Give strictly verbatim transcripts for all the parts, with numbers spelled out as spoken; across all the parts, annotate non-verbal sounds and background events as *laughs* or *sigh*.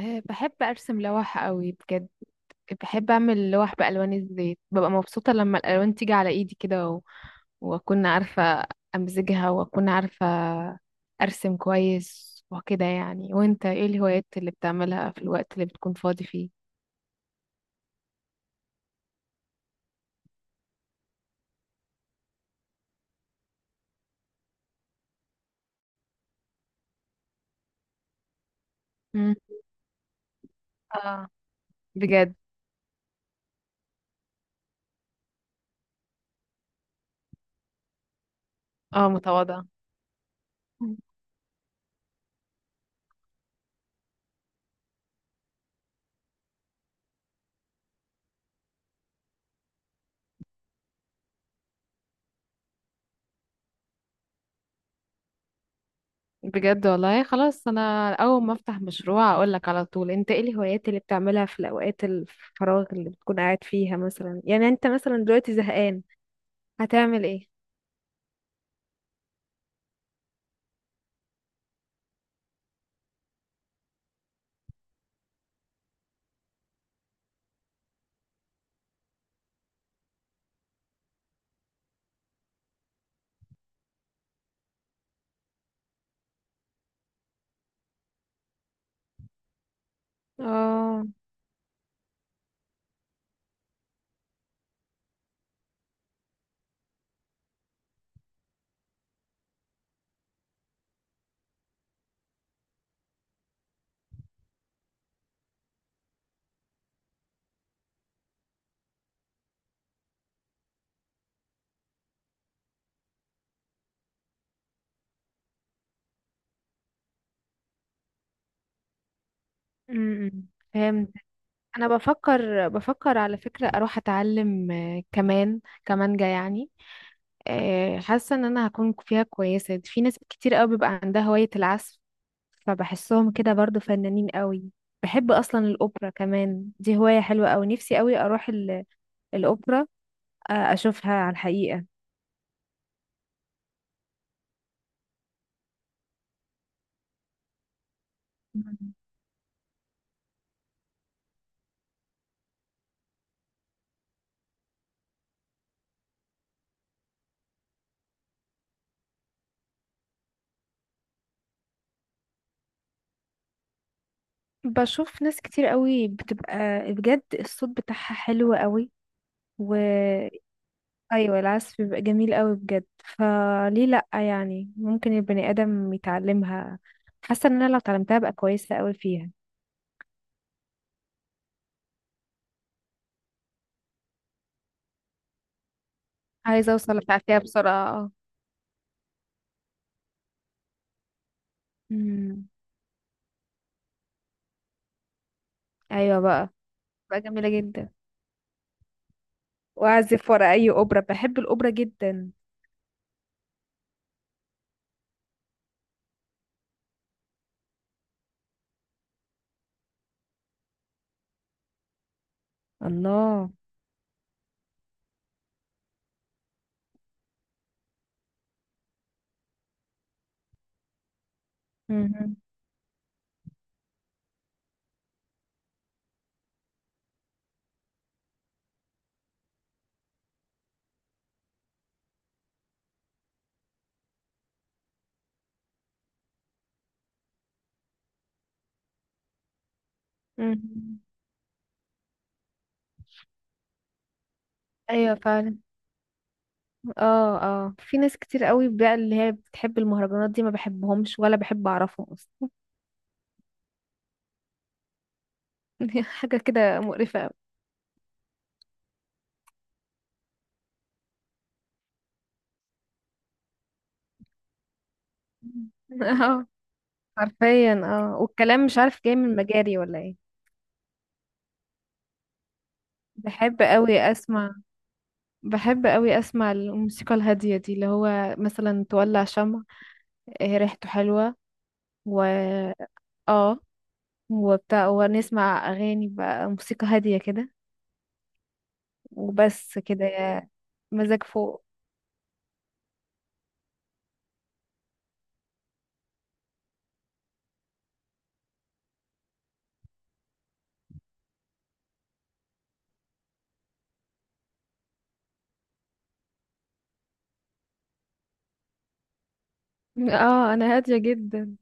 أه بحب ارسم لوح قوي بجد. بحب اعمل لوح بالوان الزيت ببقى مبسوطه لما الالوان تيجي على ايدي كده و... واكون عارفه امزجها، واكون عارفه ارسم كويس وكده يعني. وانت ايه الهوايات اللي بتعملها في الوقت اللي بتكون فاضي فيه؟ مم. اه، بجد. اه، متواضعه. بجد والله، خلاص انا اول ما افتح مشروع اقول لك على طول. انت ايه الهوايات اللي بتعملها في الاوقات الفراغ اللي بتكون قاعد فيها مثلا؟ يعني انت مثلا دلوقتي زهقان هتعمل ايه؟ اه. امم فهمت. انا بفكر بفكر على فكرة اروح اتعلم آه، كمان كمانجا يعني. آه، حاسة ان انا هكون فيها كويسة. في ناس كتير قوي بيبقى عندها هواية العزف، فبحسهم كده برضو فنانين قوي. بحب اصلا الاوبرا كمان، دي هواية حلوة قوي. نفسي قوي اروح ال- الاوبرا، آه، اشوفها على الحقيقة. مم. بشوف ناس كتير قوي بتبقى بجد الصوت بتاعها حلو قوي. ايوه، العزف بيبقى جميل قوي بجد. فليه لا يعني، ممكن البني ادم يتعلمها. حاسه ان انا لو اتعلمتها ابقى كويسه قوي فيها. عايزه اوصل ابقى فيها بسرعه. امم. ايوه بقى بقى جميله جدا، واعزف ورا اي اوبرا. بحب الاوبرا جدا. الله. امم، امم. ايوه فعلا. اه، اه، في ناس كتير قوي بقى اللي هي بتحب المهرجانات دي، ما بحبهمش ولا بحب اعرفهم اصلا. *laughs* حاجه كده مقرفه قوي. *laughs* اه، حرفيا. اه، والكلام مش عارف جاي من مجاري ولا ايه. بحب قوي اسمع بحب قوي اسمع الموسيقى الهادية دي، اللي هو مثلا تولع شمع. آه، ريحته حلوة، و اه وبتاع، ونسمع اغاني بقى موسيقى هادية كده، وبس كده. يا مزاج فوق. اه، انا هادية جدا.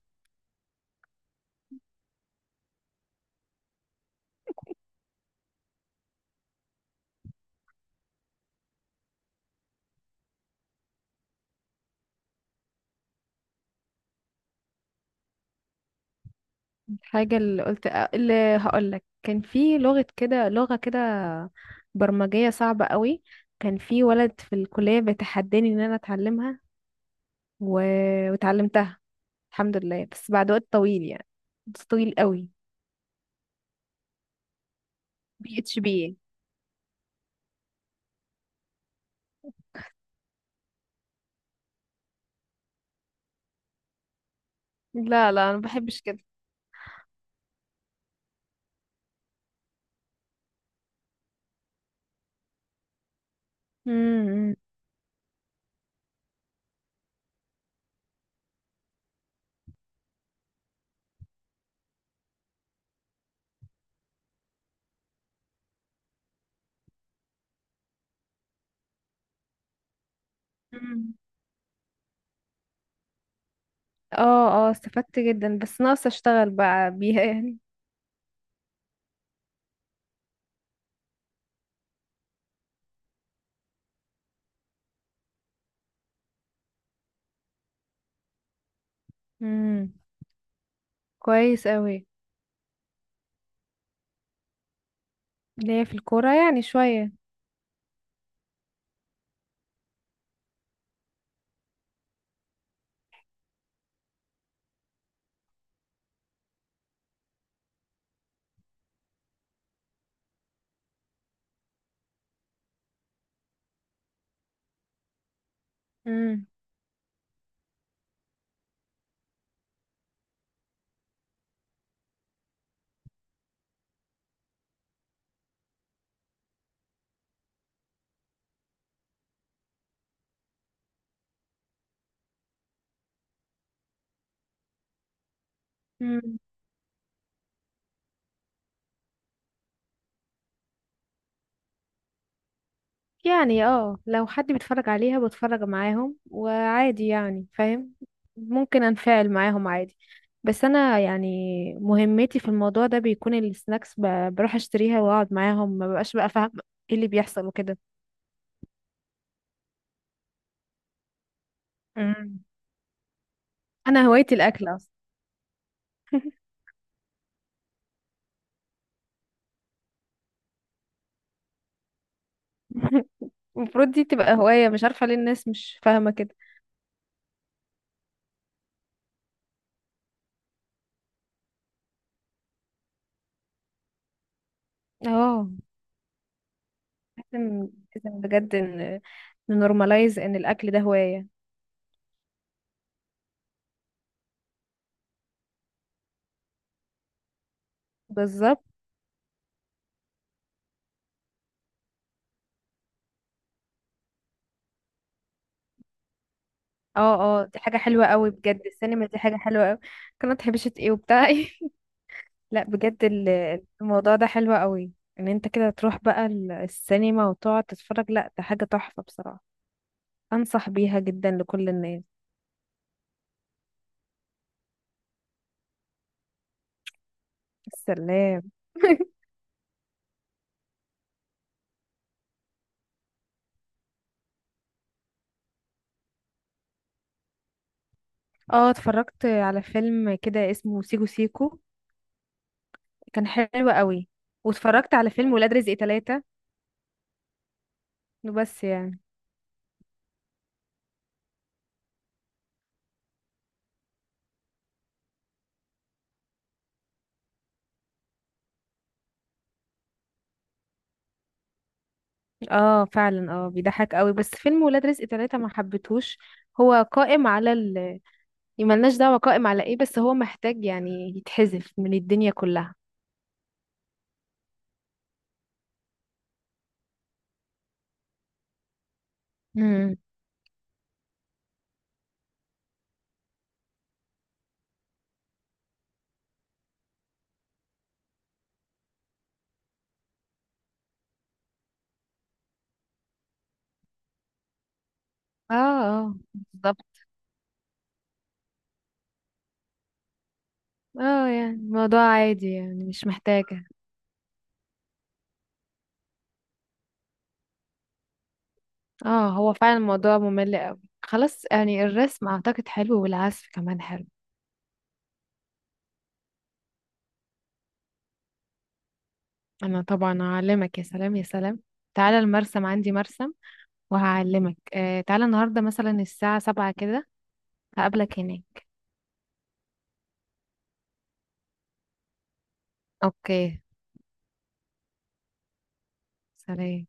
الحاجة اللي قلت آه، اللي هقولك، كان في لغة كده لغة كده برمجية صعبة قوي. كان في ولد في الكلية بيتحداني ان انا اتعلمها، و... وتعلمتها. الحمد لله، بس بعد وقت طويل يعني، بس طويل قوي. بي اتش بي. لا لا، انا ما بحبش كده. امم. مم. اه، اه، استفدت جدا، بس ناقص اشتغل بقى بيها يعني. امم، كويس قوي. ليا في الكورة يعني شوية. امم. مم. يعني اه لو حد بيتفرج عليها بتفرج معاهم وعادي يعني فاهم، ممكن انفعل معاهم عادي. بس انا يعني مهمتي في الموضوع ده بيكون السناكس، ب- بروح اشتريها واقعد معاهم، ما ببقاش بقى فاهم ايه اللي بيحصل وكده. امم انا هوايتي الاكل اصلا. *laughs* المفروض دي تبقى هواية، مش عارفة ليه الناس مش فاهمة كده. اه، لازم، لازم بجد ان نورماليز ان الاكل ده هواية. بالظبط. اه، اه، دي حاجة حلوة قوي بجد. السينما دي حاجة حلوة قوي، كانت هبشت ايه وبتاع ايه. *laughs* لا بجد، ال- الموضوع ده حلو قوي. ان انت كده تروح بقى ال- السينما وتقعد تتفرج، لا ده حاجة تحفة بصراحة. انصح بيها جدا لكل الناس. السلام. *laughs* اه، اتفرجت على فيلم كده اسمه سيكو سيكو، كان حلو قوي. واتفرجت على فيلم ولاد رزق تلاتة. وبس يعني. اه فعلا، اه بيضحك قوي. بس فيلم ولاد رزق تلاتة ما حبيتهوش. هو قائم على ال ملناش دعوة، قائم على ايه، بس هو محتاج يعني يتحذف من الدنيا كلها. امم. اه، اه، بالظبط. اه، يعني الموضوع عادي يعني مش محتاجة. اه، هو فعلا الموضوع ممل قوي، خلاص يعني الرسم اعتقد حلو والعزف كمان حلو. انا طبعا هعلمك، يا سلام يا سلام. تعالى المرسم، عندي مرسم، وهعلمك. آه تعالى النهاردة مثلا الساعة سبعة كده، هقابلك هناك. اوكي، سلام.